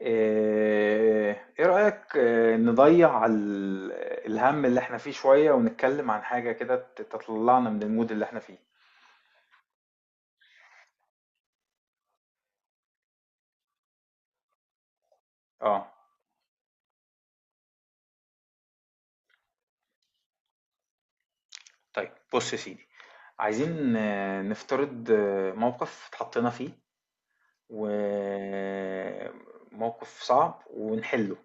إيه رأيك نضيع الهم اللي احنا فيه شوية ونتكلم عن حاجة كده تطلعنا من المود اللي احنا فيه. اه. طيب بص يا سيدي، عايزين نفترض موقف اتحطينا فيه وموقف صعب ونحله.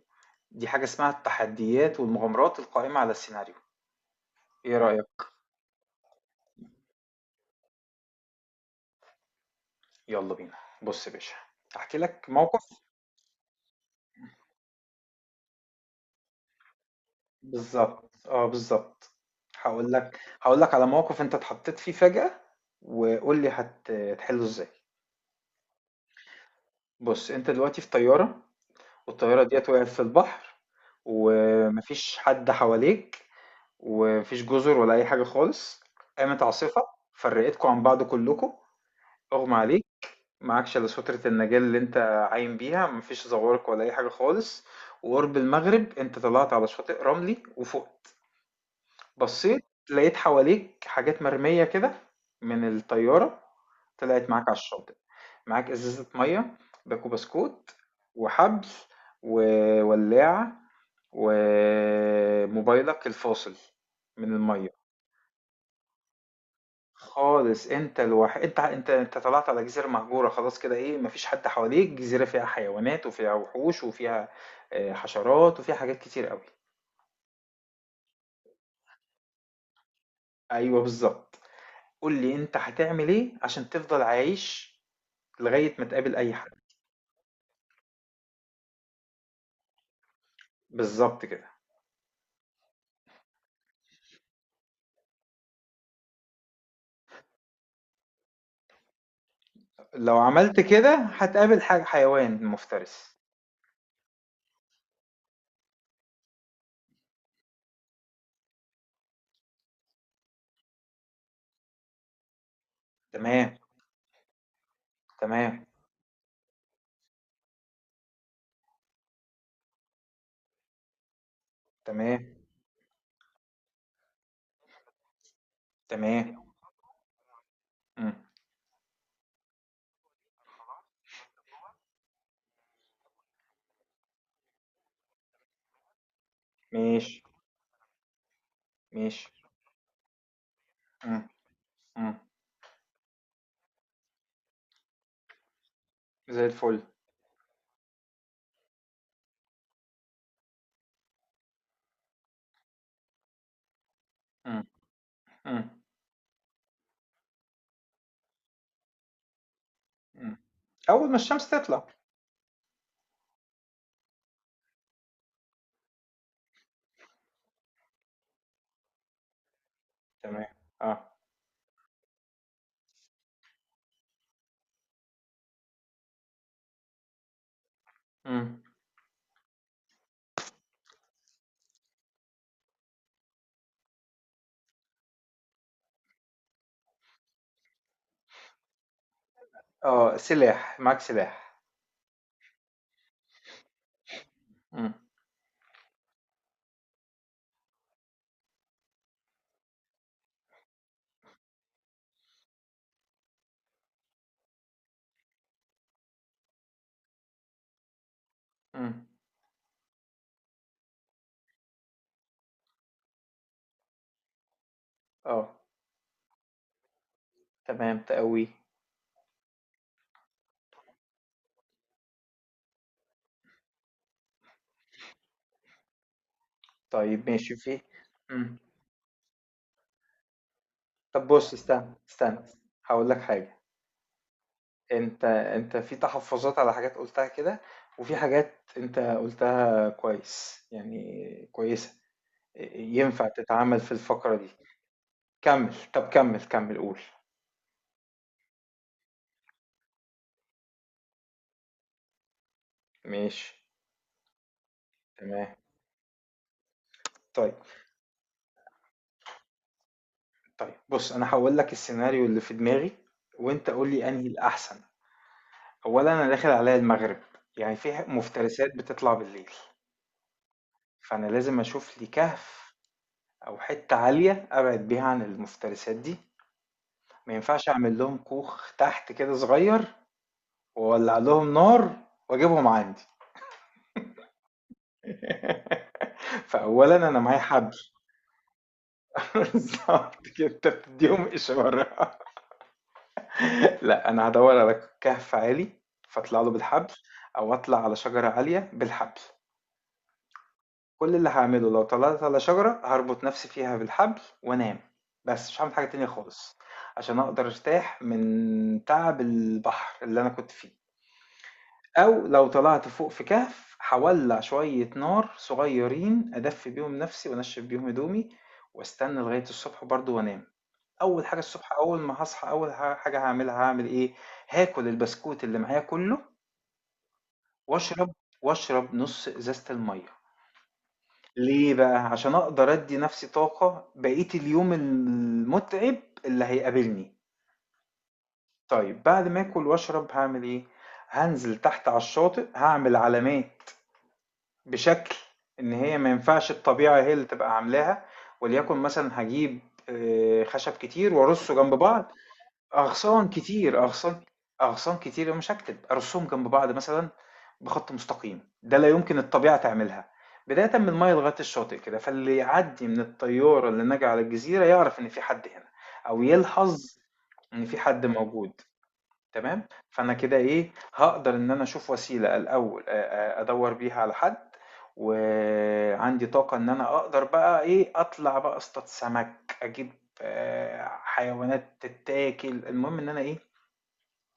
دي حاجة اسمها التحديات والمغامرات القائمة على السيناريو. ايه رأيك؟ يلا بينا. بص يا باشا، احكي لك موقف. بالضبط، بالضبط. هاقول لك على موقف أنت اتحطيت فيه فجأة، وقُل لي هتحلّه إزاي. بُص، أنت دلوقتي في طيارة والطيارة ديّة وقعت في البحر. وما فيش حد حواليك وما فيش جُزر ولا أي حاجة خالص. قامت عاصفة فرّقتكم عن بعض كلّكم، أُغمى عليك، معاكش إلا سترة النجاة اللي أنت عايم بيها، ما فيش زوارق ولا أي حاجة خالص، وقُرب المغرب أنت طلعت على شاطئ رملي وفُقت. بصيت لقيت حواليك حاجات مرمية كده من الطيارة. طلعت معاك على الشاطئ، معاك ازازة مية، باكو بسكوت، وحبل، وولاعة، وموبايلك الفاصل من المية. خالص، انت الوحيد. انت طلعت على جزيرة مهجورة خلاص كده. ايه، مفيش حد حواليك. جزيرة فيها حيوانات وفيها وحوش وفيها حشرات وفيها حاجات كتير قوي. ايوه بالظبط. قول لي انت هتعمل ايه عشان تفضل عايش لغاية ما تقابل أي حد. بالضبط كده. لو عملت كده هتقابل حيوان مفترس. تمام، تمام، تمام، تمام، إمم، ماشي، ماشي، إمم، إمم، زي الفل، إمم، إمم، إمم. أول ما الشمس تطلع. تمام، آه، إمم، آه، سلاح، معاك سلاح، إمم، إمم، آه، تمام، تقويه، طيب ماشي في إمم، طب بُص، استنى، استنى، هاقول لك حاجة. أنت في تحفظات على حاجات قُلتها كده، وفي حاجات أنت قُلتها كويس، يعني كويسة، ينفع تتعمل في الفقرة دي. كمّل، طَب كمّل، كمّل قُل. ماشي، تمام. طيب، طيب بُص، أنا هاقول لك السيناريو اللي في دماغي، وأنت قُل لي أنهي الأحسن. أولًا أنا داخل عليّا المغرب، يعني في مفترسات بتطلع بالليل، فأنا لازم أشوف لي كهف أو حتّة عالية أبعد بيها عن المفترسات دي. ما ينفعش أعمل لهم كوخ تحت كده صغير وولع لهم نار واجيبهم عندي. فاولا انا معايا حبل. بالظبط كده، انت بتديهم اشاره. لا، انا هدور على كهف عالي فاطلع له بالحبل او اطلع على شجره عاليه بالحبل. كل اللي هعمله لو طلعت على شجره هربط نفسي فيها بالحبل وانام. بس مش هعمل حاجه تانية خالص عشان اقدر ارتاح من تعب البحر اللي انا كنت فيه. أو لو طلعت فوق في كهف هاولّع شوية نار صغيّرين أدفّي بيهم نَفْسي وأنشّف بيهم هدومي وأستنى لغاية الصبح برضه وأنام. أول حاجة الصبح، أول ما هاصحى، أول حاجة هاعملها هاعمل إيه؟ هاكل البسكوت اللي معايا كُلّه وأشرب نُص إزازة المَيّة. ليه بقى؟ عشان أقدر أدّي نَفْسي طاقة بقية اليوم المُتعب اللي هيقابلني. طيب بعد ما آكل وأشرب هاعمل إيه؟ هانزل تحت على الشاطئ، هاعمل علامات بشكل إن هي ما ينفعش الطبيعة هي اللي تبقى عاملاها، وليكن مثلًا هاجيب خشب كتير وأرصه جنب بعض. أغصان كتير، أغصان كتير مش هاكتب، أرصهم جنب بعض مثلًا بخط مستقيم، ده لا يمكن الطبيعة تعملها، بدايةً من المَيّة لغاية الشاطئ كده، فاللي يعدّي من الطيارة اللي ناجية على الجزيرة يعرف إن في حد هنا، أو يلحظ إن في حد موجود. تمام؟ فأنا كده إيه، هاقدر إن أنا أشوف وسيلة الأول أدوّر بيها على حد، وعندي طاقة إن أنا أقدر بقى إيه، أطلع بقى أصطاد سمك، أجيب حيوانات تتاكل، المهم إن أنا إيه،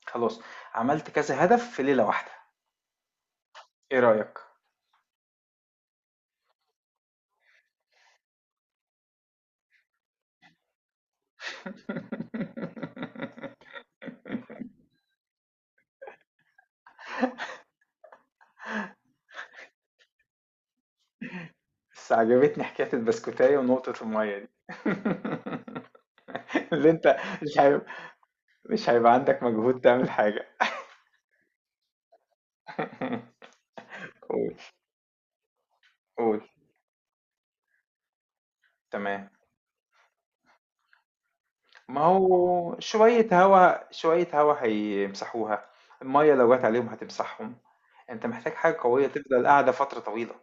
خلاص عملت كذا هدف في ليلة واحدة. إيه رأيك؟ بس عجبتني حكاية البسكوتاية ونقطة المَيّة دي. اللي أنت، مش هي، مش هيبقى عندك مجهود تعمل حاجة. قُل، قُل. تمام. ما هو شوية هوا شوية هوا هيمسحوها، المَيّة لو جات عليهم هتمسحهم، أنت محتاج حاجة قوية تفضل قاعدة فترة طويلة.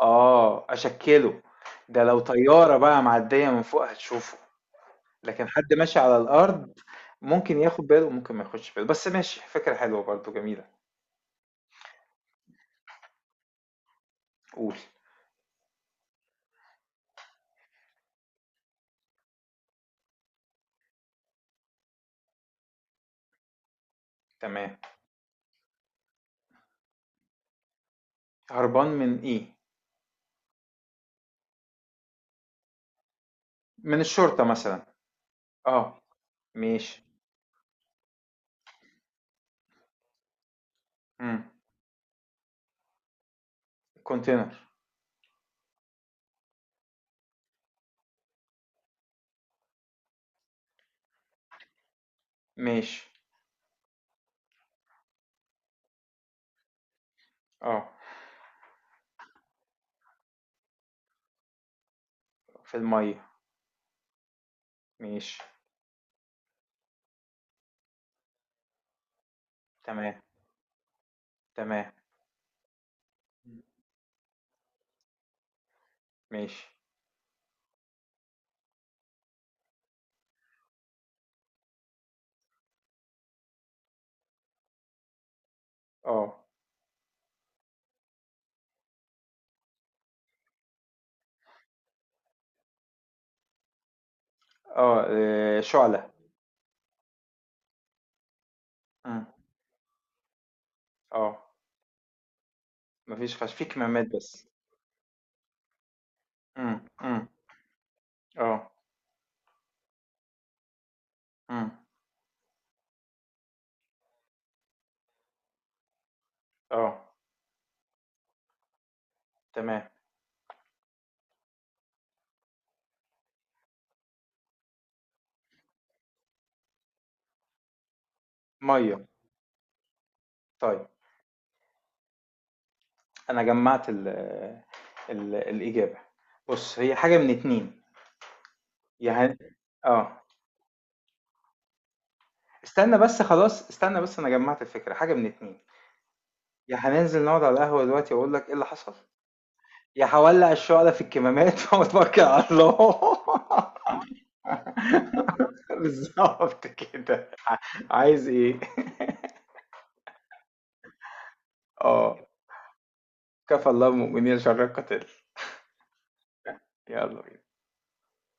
آه، أشكِّله، ده لو طيارة بقى معدية من فوق هتشوفه، لكن حد ماشي على الأرض ممكن ياخد باله وممكن ما ياخدش باله، بس ماشي، فكرة حلوة برضه، جميلة. قُل. تمام، هربان من إيه؟ من الشرطة مثلًا، آه، ماشي، إمم، container، ماشي، آه، في المَيّة، ماشي، تمام. تمام، ماشي، اه، اه، آه، شعلة، مم. اه، مفيش خش في كمامات بس، مم. مم. اه، مم. اه، تمام، مية. طيب، انا جمعت ال ال الاجابة. بص، هي حاجة من اتنين. يا هن... اه استنى بس، خلاص استنى بس انا جمعت الفكرة. حاجة من اتنين، يا هننزل نقعد على القهوة دلوقتي واقول لك ايه اللي حصل، يا هولع الشعلة في الكمامات واتوكل على الله. بالظبط كده. عايز ايه. اه، كفى الله المؤمنين شر القتال. يلا بينا.